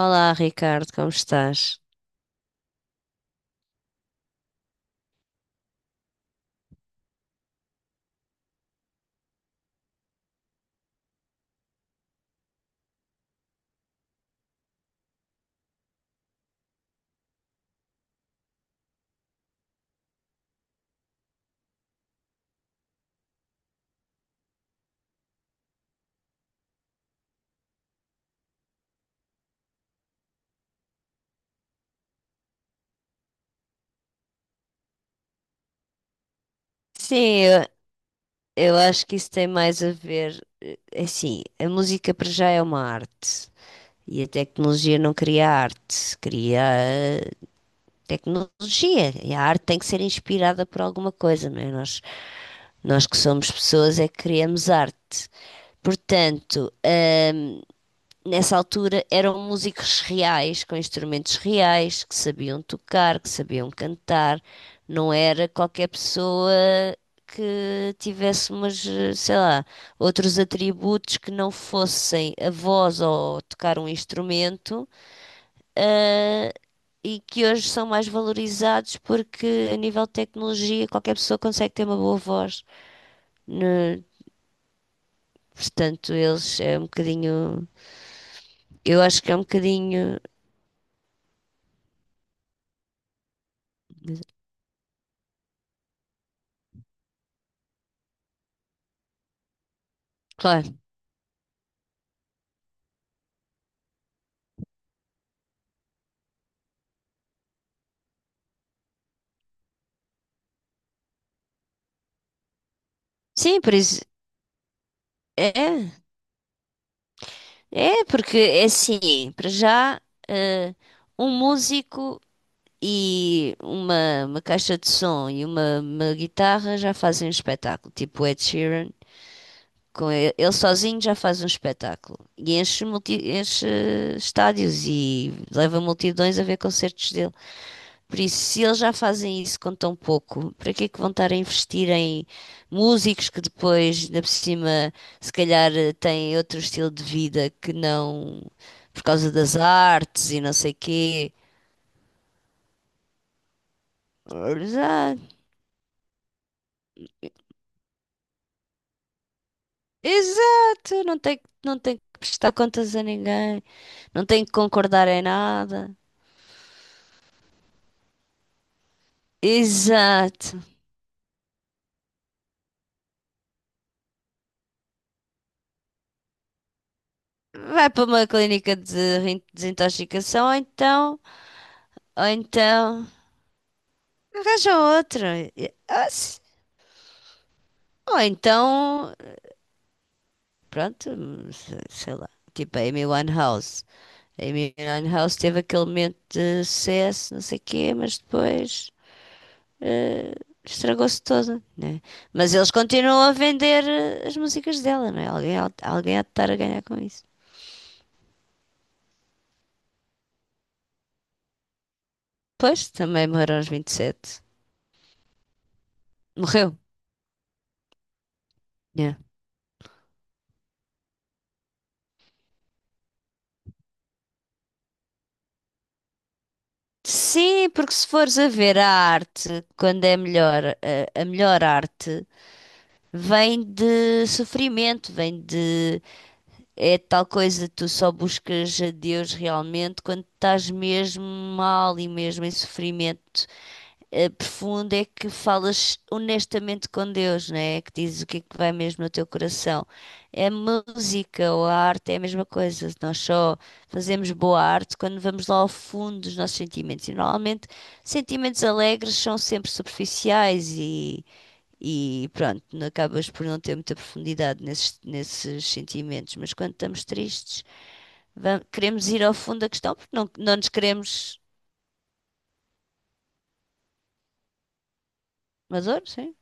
Olá, Ricardo, como estás? Sim, eu acho que isso tem mais a ver. Assim, a música para já é uma arte e a tecnologia não cria arte, cria tecnologia. E a arte tem que ser inspirada por alguma coisa, não é? Nós que somos pessoas é que criamos arte. Portanto, nessa altura eram músicos reais, com instrumentos reais, que sabiam tocar, que sabiam cantar. Não era qualquer pessoa que tivesse umas, sei lá, outros atributos que não fossem a voz ou tocar um instrumento, eh, e que hoje são mais valorizados porque a nível de tecnologia qualquer pessoa consegue ter uma boa voz. Né? Portanto, eles é um bocadinho, eu acho que é um bocadinho, claro. Sim, por isso. É, é porque é assim, para já, eh, um músico e uma caixa de som e uma guitarra já fazem um espetáculo, tipo o Ed Sheeran, com ele sozinho já faz um espetáculo e enche, enche estádios e leva multidões a ver concertos dele. Por isso, se eles já fazem isso com tão pouco, para que é que vão estar a investir em músicos que depois, ainda por cima, se calhar têm outro estilo de vida que não por causa das artes e não sei quê? Exato, exato, não tem, não tem que prestar contas a ninguém, não tem que concordar em nada. Exato. Vai para uma clínica de desintoxicação ou então, ou então, arranja outra. Ou então, pronto, sei lá, tipo a Amy Winehouse. A Amy Winehouse teve aquele momento de sucesso, não sei o quê, mas depois eh, estragou-se toda, né? Mas eles continuam a vender as músicas dela, não é? Alguém há de estar a ganhar com isso. Pois, também morreu aos 27. Morreu? Yeah. Sim, porque se fores a ver a arte, quando é melhor, a melhor arte vem de sofrimento. Vem de É tal coisa, tu só buscas a Deus realmente quando estás mesmo mal e mesmo em sofrimento profundo é que falas honestamente com Deus, né? É que dizes o que é que vai mesmo no teu coração. É. A música ou a arte é a mesma coisa. Nós só fazemos boa arte quando vamos lá ao fundo dos nossos sentimentos. E normalmente sentimentos alegres são sempre superficiais e pronto, acabas por não ter muita profundidade nesses sentimentos. Mas quando estamos tristes, queremos ir ao fundo da questão porque não nos queremos. Maduro, sim.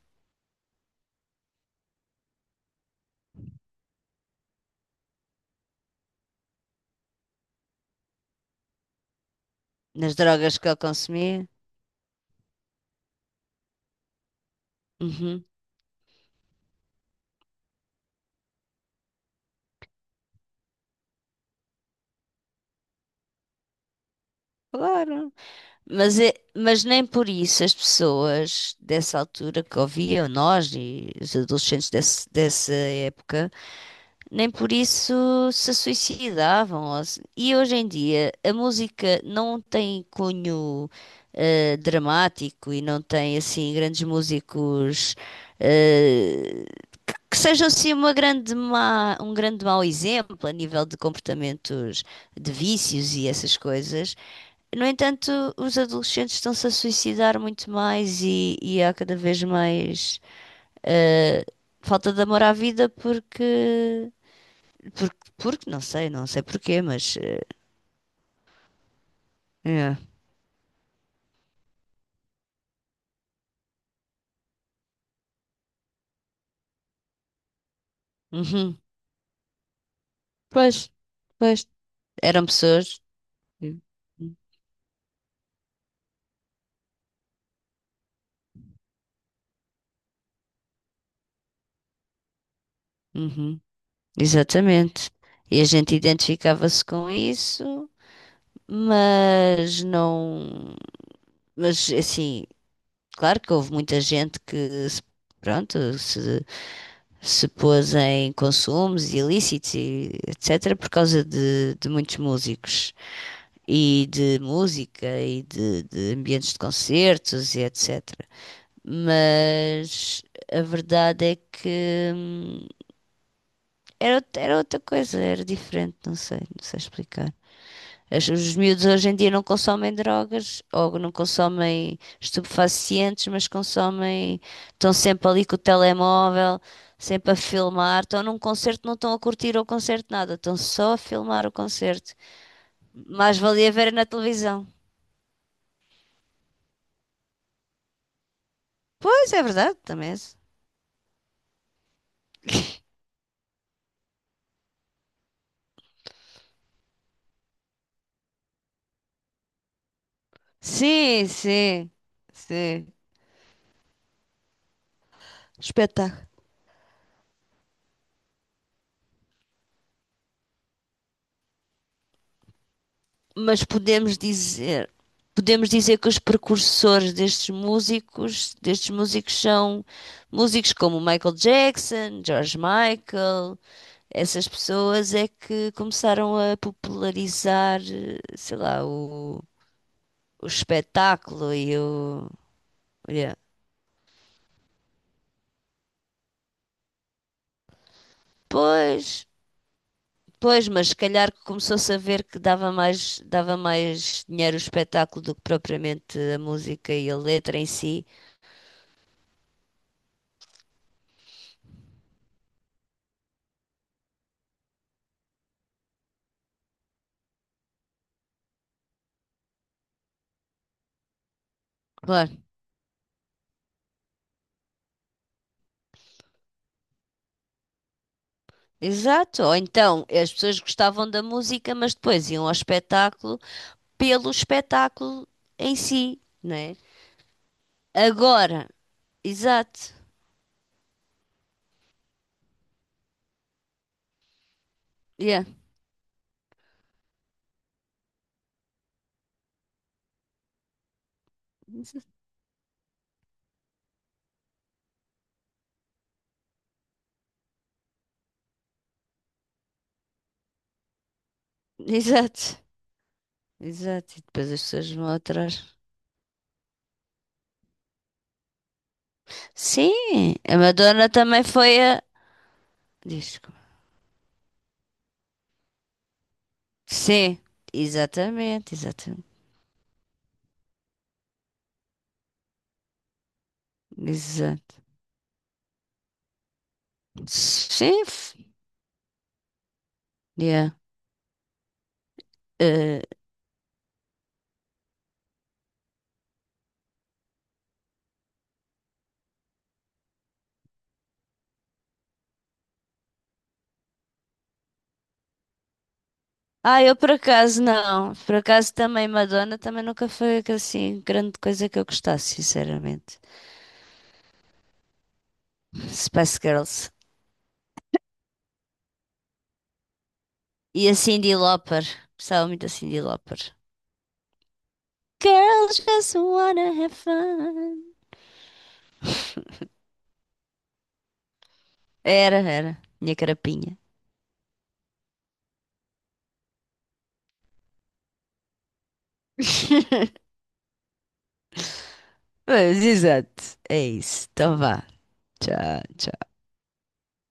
Nas drogas que eu consumi. Uhum, claro, mas nem por isso as pessoas dessa altura que ouviam, nós e os adolescentes dessa época, nem por isso se suicidavam. Ou se- E hoje em dia a música não tem cunho dramático e não tem assim grandes músicos eh, que sejam assim um grande mau exemplo a nível de comportamentos de vícios e essas coisas. No entanto, os adolescentes estão-se a suicidar muito mais e há cada vez mais eh, falta de amor à vida porque não sei porquê, mas é. Uhum. Pois, pois, eram pessoas. Uhum. Exatamente. E a gente identificava-se com isso, mas não, mas assim, claro que houve muita gente que se- pronto, se se pôs em consumos ilícitos e etc. por causa de muitos músicos e de música e de ambientes de concertos e etc. Mas a verdade é que era outra coisa, era diferente, não sei, explicar. Os miúdos hoje em dia não consomem drogas ou não consomem estupefacientes, mas consomem, estão sempre ali com o telemóvel, sempre a filmar, estão num concerto, não estão a curtir o concerto nada, estão só a filmar o concerto. Mais valia ver na televisão. Pois é verdade, também. É isso. Sim, sim, sim. Espetáculo. Mas podemos dizer que os precursores destes músicos são músicos como Michael Jackson, George Michael, essas pessoas é que começaram a popularizar, sei lá, o, espetáculo e olha, pois, pois, mas se calhar começou-se a ver que dava mais dinheiro o espetáculo do que propriamente a música e a letra em si. Claro. Exato, ou então as pessoas gostavam da música, mas depois iam ao espetáculo pelo espetáculo em si, né? Agora, exato, yeah. Exato, exato, e depois as pessoas vão atrás. Sim, a Madonna também foi a. Disco. Sim, exatamente, exatamente, exato. Sim. Yeah. Eh, Ah, eu por acaso não. Por acaso também Madonna também nunca foi assim grande coisa que eu gostasse, sinceramente. Spice Girls. E a Cyndi Lauper. Gostava muito da Cyndi Lauper. Girls just wanna have fun. Era, era. Minha carapinha. Pois, exato. É isso. Então vá. Tchau.